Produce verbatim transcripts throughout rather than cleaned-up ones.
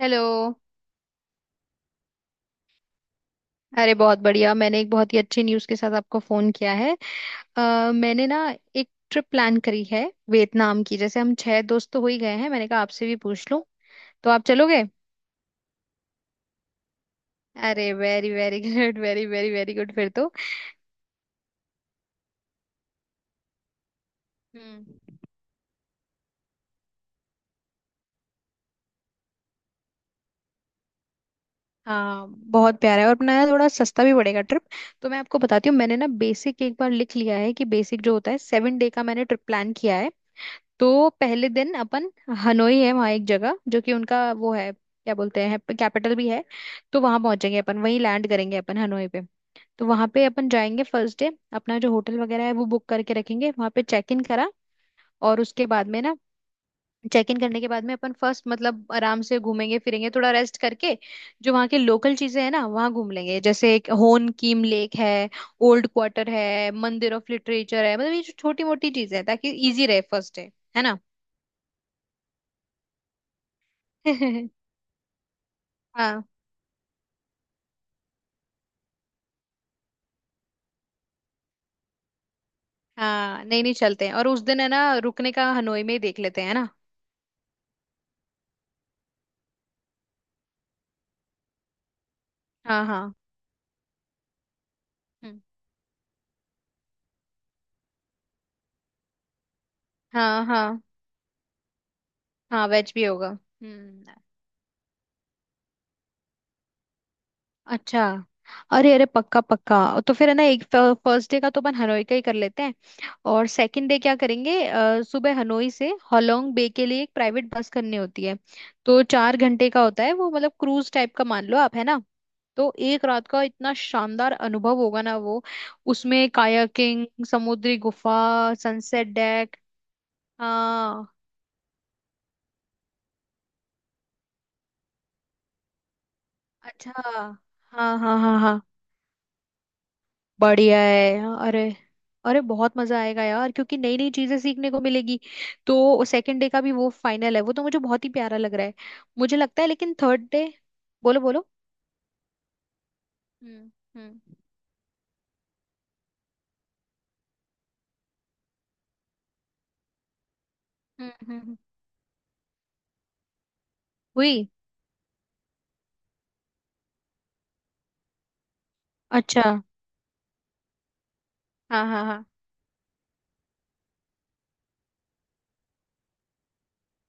Hello. अरे बहुत बढ़िया, मैंने एक बहुत ही अच्छी न्यूज़ के साथ आपको फ़ोन किया है। अ, मैंने ना एक ट्रिप प्लान करी है वियतनाम की। जैसे हम छह दोस्त तो हो ही गए हैं, मैंने कहा आपसे भी पूछ लूं, तो आप चलोगे? अरे very very good, very very very good फिर तो। हम्म। हाँ, बहुत प्यारा है और अपना यार थोड़ा सस्ता भी पड़ेगा ट्रिप। तो मैं आपको बताती हूँ, मैंने ना बेसिक एक बार लिख लिया है कि बेसिक जो होता है सेवन डे का, मैंने ट्रिप प्लान किया है। तो पहले दिन अपन हनोई है, वहाँ एक जगह जो कि उनका वो है, क्या बोलते हैं, कैपिटल भी है। तो वहां पहुंचेंगे अपन, वहीं लैंड करेंगे अपन हनोई पे। तो वहां पे अपन जाएंगे फर्स्ट डे। अपना जो होटल वगैरह है वो बुक करके रखेंगे, वहां पे चेक इन करा। और उसके बाद में ना, चेक इन करने के बाद में अपन फर्स्ट मतलब आराम से घूमेंगे फिरेंगे, थोड़ा रेस्ट करके। जो वहाँ के लोकल चीजें हैं ना, वहाँ घूम लेंगे। जैसे एक होन कीम लेक है, ओल्ड क्वार्टर है, मंदिर ऑफ लिटरेचर है, मतलब ये छोटी मोटी चीजें हैं ताकि इजी रहे फर्स्ट डे, है ना। हाँ हाँ, नहीं नहीं, चलते हैं। और उस दिन है ना रुकने का, हनोई में ही देख लेते हैं, है ना। हाँ हाँ। हम्म, हाँ हाँ। हाँ वेज भी होगा, हम्म। अच्छा। अरे अरे, पक्का पक्का। तो फिर है ना, एक फर्स्ट डे का तो अपन हनोई का ही कर लेते हैं। और सेकंड डे क्या करेंगे? अ, सुबह हनोई से होलोंग बे के लिए एक प्राइवेट बस करनी होती है। तो चार घंटे का होता है वो, मतलब क्रूज टाइप का मान लो आप, है ना। तो एक रात का इतना शानदार अनुभव होगा ना वो। उसमें कायाकिंग, समुद्री गुफा, सनसेट डेक। हाँ, अच्छा, हाँ हाँ हाँ हाँ, बढ़िया है। अरे अरे, बहुत मजा आएगा यार, क्योंकि नई नई चीजें सीखने को मिलेगी। तो सेकंड डे का भी वो फाइनल है, वो तो मुझे बहुत ही प्यारा लग रहा है मुझे लगता है, लेकिन थर्ड डे। बोलो बोलो। हम्म हम्म हम्म, हम्म, हम्म। हुई। अच्छा, हाँ हाँ हाँ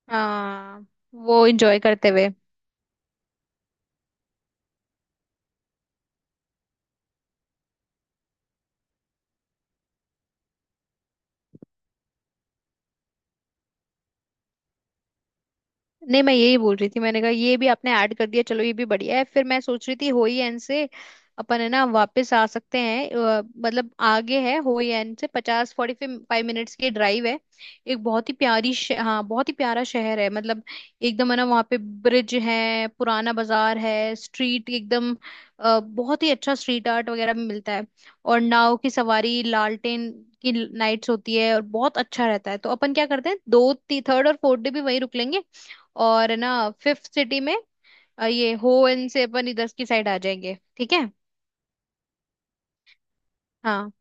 हाँ, वो एंजॉय करते हुए। नहीं, मैं यही बोल रही थी, मैंने कहा ये भी आपने ऐड कर दिया, चलो ये भी बढ़िया है। फिर मैं सोच रही थी, होई एन से अपन है ना वापस आ सकते हैं। अ, मतलब आगे है, होई एन से पचास फोर्टी फाइव मिनट्स की ड्राइव है। एक बहुत ही प्यारी श- हाँ, बहुत ही प्यारा शहर है, मतलब एकदम। है ना, वहाँ पे ब्रिज है, पुराना बाजार है, स्ट्रीट एकदम अ, बहुत ही अच्छा स्ट्रीट आर्ट वगैरह भी मिलता है। और नाव की सवारी, लालटेन की नाइट्स होती है, और बहुत अच्छा रहता है। तो अपन क्या करते हैं, दो थर्ड और फोर्थ डे भी वहीं रुक लेंगे। और है ना फिफ्थ सिटी में अ, ये हो इन से अपन इधर की साइड आ जाएंगे, ठीक है। हाँ,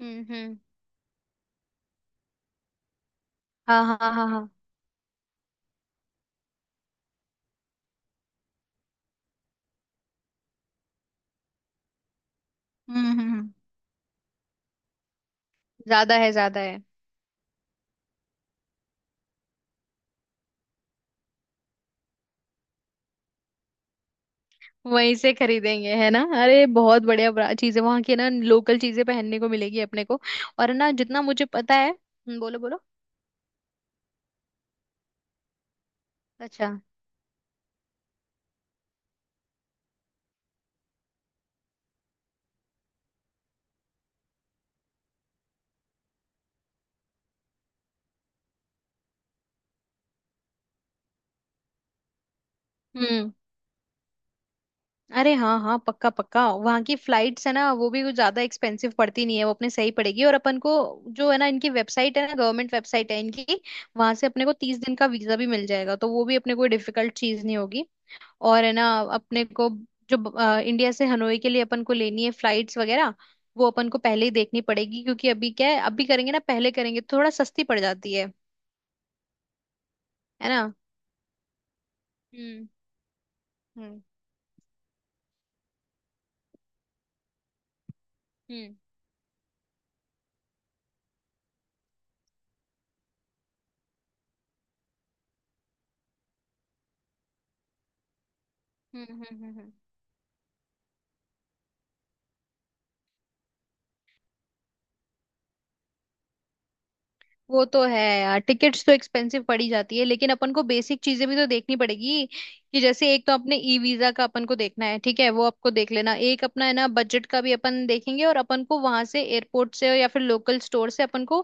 हम्म हम्म, हाँ हाँ हाँ हाँ, हम्म, हम्म, हम्म। ज्यादा है, ज्यादा है। वहीं से खरीदेंगे, है ना। अरे बहुत बढ़िया, बड़ा चीजें वहां की ना, लोकल चीजें पहनने को मिलेगी अपने को। और है ना, जितना मुझे पता है, हम्म, बोलो बोलो। अच्छा, हम्म। अरे हाँ हाँ, पक्का पक्का। वहाँ की फ्लाइट्स है ना, वो भी कुछ ज्यादा एक्सपेंसिव पड़ती नहीं है, वो अपने सही पड़ेगी। और अपन को जो है ना, इनकी वेबसाइट है ना, गवर्नमेंट वेबसाइट है इनकी, वहां से अपने को तीस दिन का वीजा भी मिल जाएगा। तो वो भी अपने को डिफिकल्ट चीज नहीं होगी। और है ना, अपने को जो अ, इंडिया से हनोई के लिए अपन को लेनी है फ्लाइट्स वगैरह, वो अपन को पहले ही देखनी पड़ेगी। क्योंकि अभी क्या है, अभी करेंगे ना, पहले करेंगे तो थोड़ा सस्ती पड़ जाती है है ना। हम्म हम्म हम्म हम्म हम्म हम्म, हम्म। वो तो है यार, टिकट्स तो एक्सपेंसिव पड़ी जाती है, लेकिन अपन को बेसिक चीजें भी तो देखनी पड़ेगी। कि जैसे एक तो अपने ई वीजा का अपन को देखना है, ठीक है, वो आपको देख लेना। एक अपना है ना, बजट का भी अपन देखेंगे। और अपन को वहां से एयरपोर्ट से या फिर लोकल स्टोर से अपन को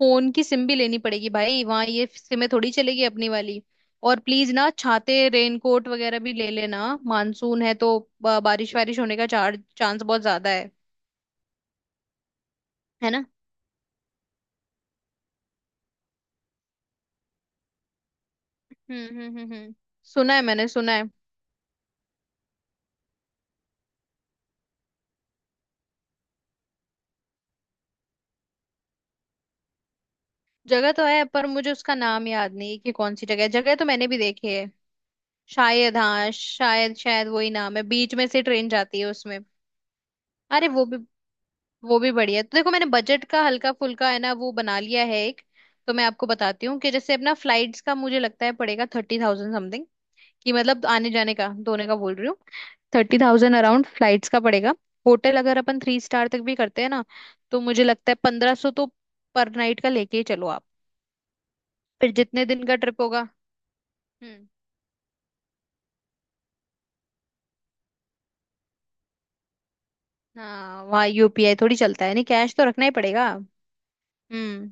फोन की सिम भी लेनी पड़ेगी भाई, वहां ये सिमें थोड़ी चलेगी अपनी वाली। और प्लीज ना, छाते रेनकोट वगैरह भी ले लेना, मानसून है तो ब- बारिश वारिश होने का चार चांस बहुत ज्यादा है है ना। हम्म हम्म हम्म हम्म, सुना है, मैंने सुना है। जगह तो है, पर मुझे उसका नाम याद नहीं है कि कौन सी जगह है, जगह तो मैंने भी देखी है। शायद, हाँ शायद, शायद वही नाम है, बीच में से ट्रेन जाती है उसमें। अरे वो भी, वो भी बढ़िया है। तो देखो, मैंने बजट का हल्का फुल्का है ना वो बना लिया है एक। तो मैं आपको बताती हूँ कि जैसे अपना फ्लाइट्स का मुझे लगता है पड़ेगा थर्टी थाउजेंड समथिंग। कि मतलब आने जाने का दोनों का बोल रही हूँ, थर्टी थाउजेंड अराउंड फ्लाइट्स का पड़ेगा। होटल अगर अपन थ्री स्टार तक भी करते हैं ना, तो मुझे लगता है पंद्रह सौ तो पर नाइट का लेके ही चलो आप। फिर जितने दिन का ट्रिप होगा। हम्म। हाँ, वहाँ यू पी आई थोड़ी चलता है, नहीं, कैश तो रखना ही पड़ेगा। हम्म,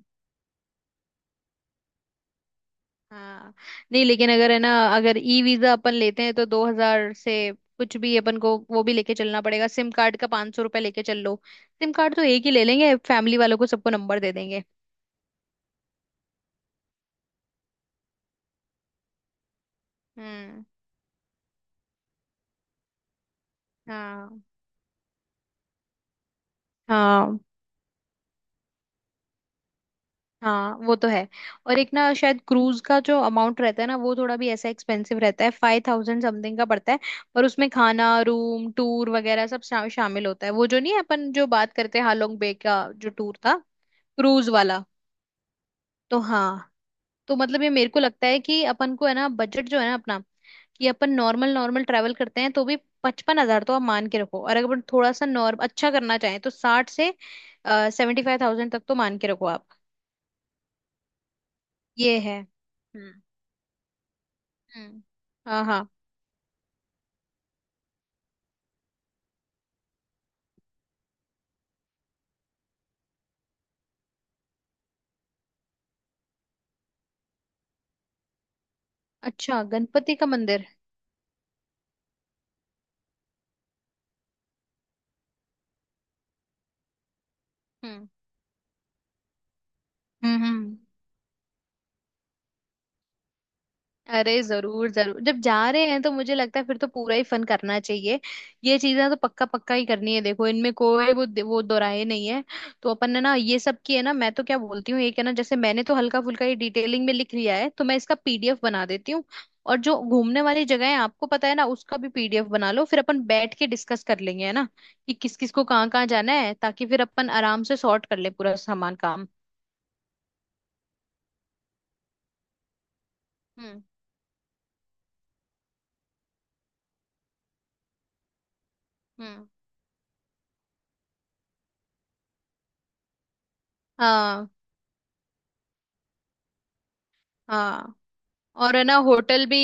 हाँ, नहीं लेकिन अगर है ना, अगर ई वीजा अपन लेते हैं तो दो हजार से कुछ भी अपन को वो भी लेके चलना पड़ेगा। सिम कार्ड का पाँच सौ रुपये लेके चल लो। सिम कार्ड तो एक ही ले लेंगे, फैमिली वालों को सबको नंबर दे देंगे। हम्म। हाँ हाँ, हाँ वो तो है। और एक ना, शायद क्रूज का जो अमाउंट रहता है ना, वो थोड़ा भी ऐसा एक्सपेंसिव रहता है, फाइव थाउजेंड समथिंग का पड़ता है। पर उसमें खाना, रूम टूर वगैरह सब शा, शामिल होता है। वो जो नहीं है, अपन जो बात करते हैं हालोंग बे का जो टूर था, क्रूज वाला। तो हाँ। तो मतलब ये मेरे को लगता है कि अपन को है ना, बजट जो है ना अपना, कि अपन नॉर्मल नॉर्मल ट्रैवल करते हैं तो भी पचपन हजार तो आप मान के रखो। और अगर अपन थोड़ा सा नॉर्म अच्छा करना चाहें तो साठ से सेवेंटी फाइव थाउजेंड तक तो मान के रखो आप। ये है, हम्म हम्म, हाँ हाँ। अच्छा, गणपति का मंदिर? हम्म हम्म, हम्म। अरे जरूर जरूर, जब जा रहे हैं तो मुझे लगता है फिर तो पूरा ही फन करना चाहिए। ये चीजें तो पक्का पक्का ही करनी है, देखो इनमें कोई वो वो दोराहे नहीं है। तो अपन ने ना ये सब की है ना, मैं तो क्या बोलती हूँ, एक है ना, जैसे मैंने तो हल्का फुल्का ये डिटेलिंग में लिख लिया है, तो मैं इसका पी डी एफ बना देती हूँ। और जो घूमने वाली जगह है आपको पता है ना, उसका भी पी डी एफ बना लो, फिर अपन बैठ के डिस्कस कर लेंगे, है ना। कि किस किस को कहाँ कहाँ जाना है, ताकि फिर अपन आराम से सॉर्ट कर ले पूरा सामान। हम्म हम्म, हाँ हाँ। और है ना होटल भी,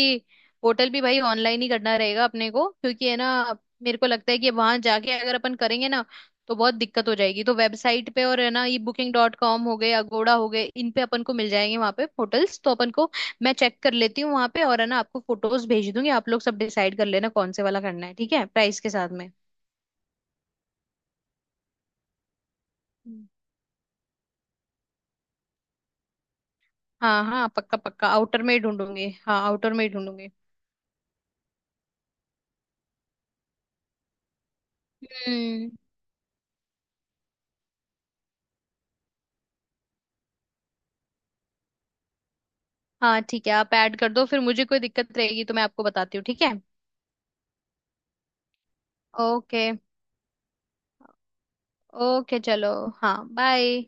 होटल भी भाई ऑनलाइन ही करना रहेगा अपने को, क्योंकि है ना, मेरे को लगता है कि वहां जाके अगर अपन करेंगे ना, तो बहुत दिक्कत हो जाएगी। तो वेबसाइट पे, और है ना, ये बुकिंग डॉट कॉम हो गए, अगोड़ा हो गए, इन पे अपन को मिल जाएंगे वहां पे होटल्स। तो अपन को मैं चेक कर लेती हूँ वहां पे। और है ना, आपको फोटोज भेज दूंगी, आप लोग सब डिसाइड कर लेना कौन से वाला करना है, ठीक है, प्राइस के साथ में। हम्म। हाँ हाँ, पक्का पक्का आउटर में ही ढूंढूंगी, हाँ आउटर में ही ढूंढूंगी। हम्म। हाँ ठीक है, आप ऐड कर दो, फिर मुझे कोई दिक्कत रहेगी तो मैं आपको बताती हूँ, ठीक है। ओके। ओके, चलो, हाँ बाय।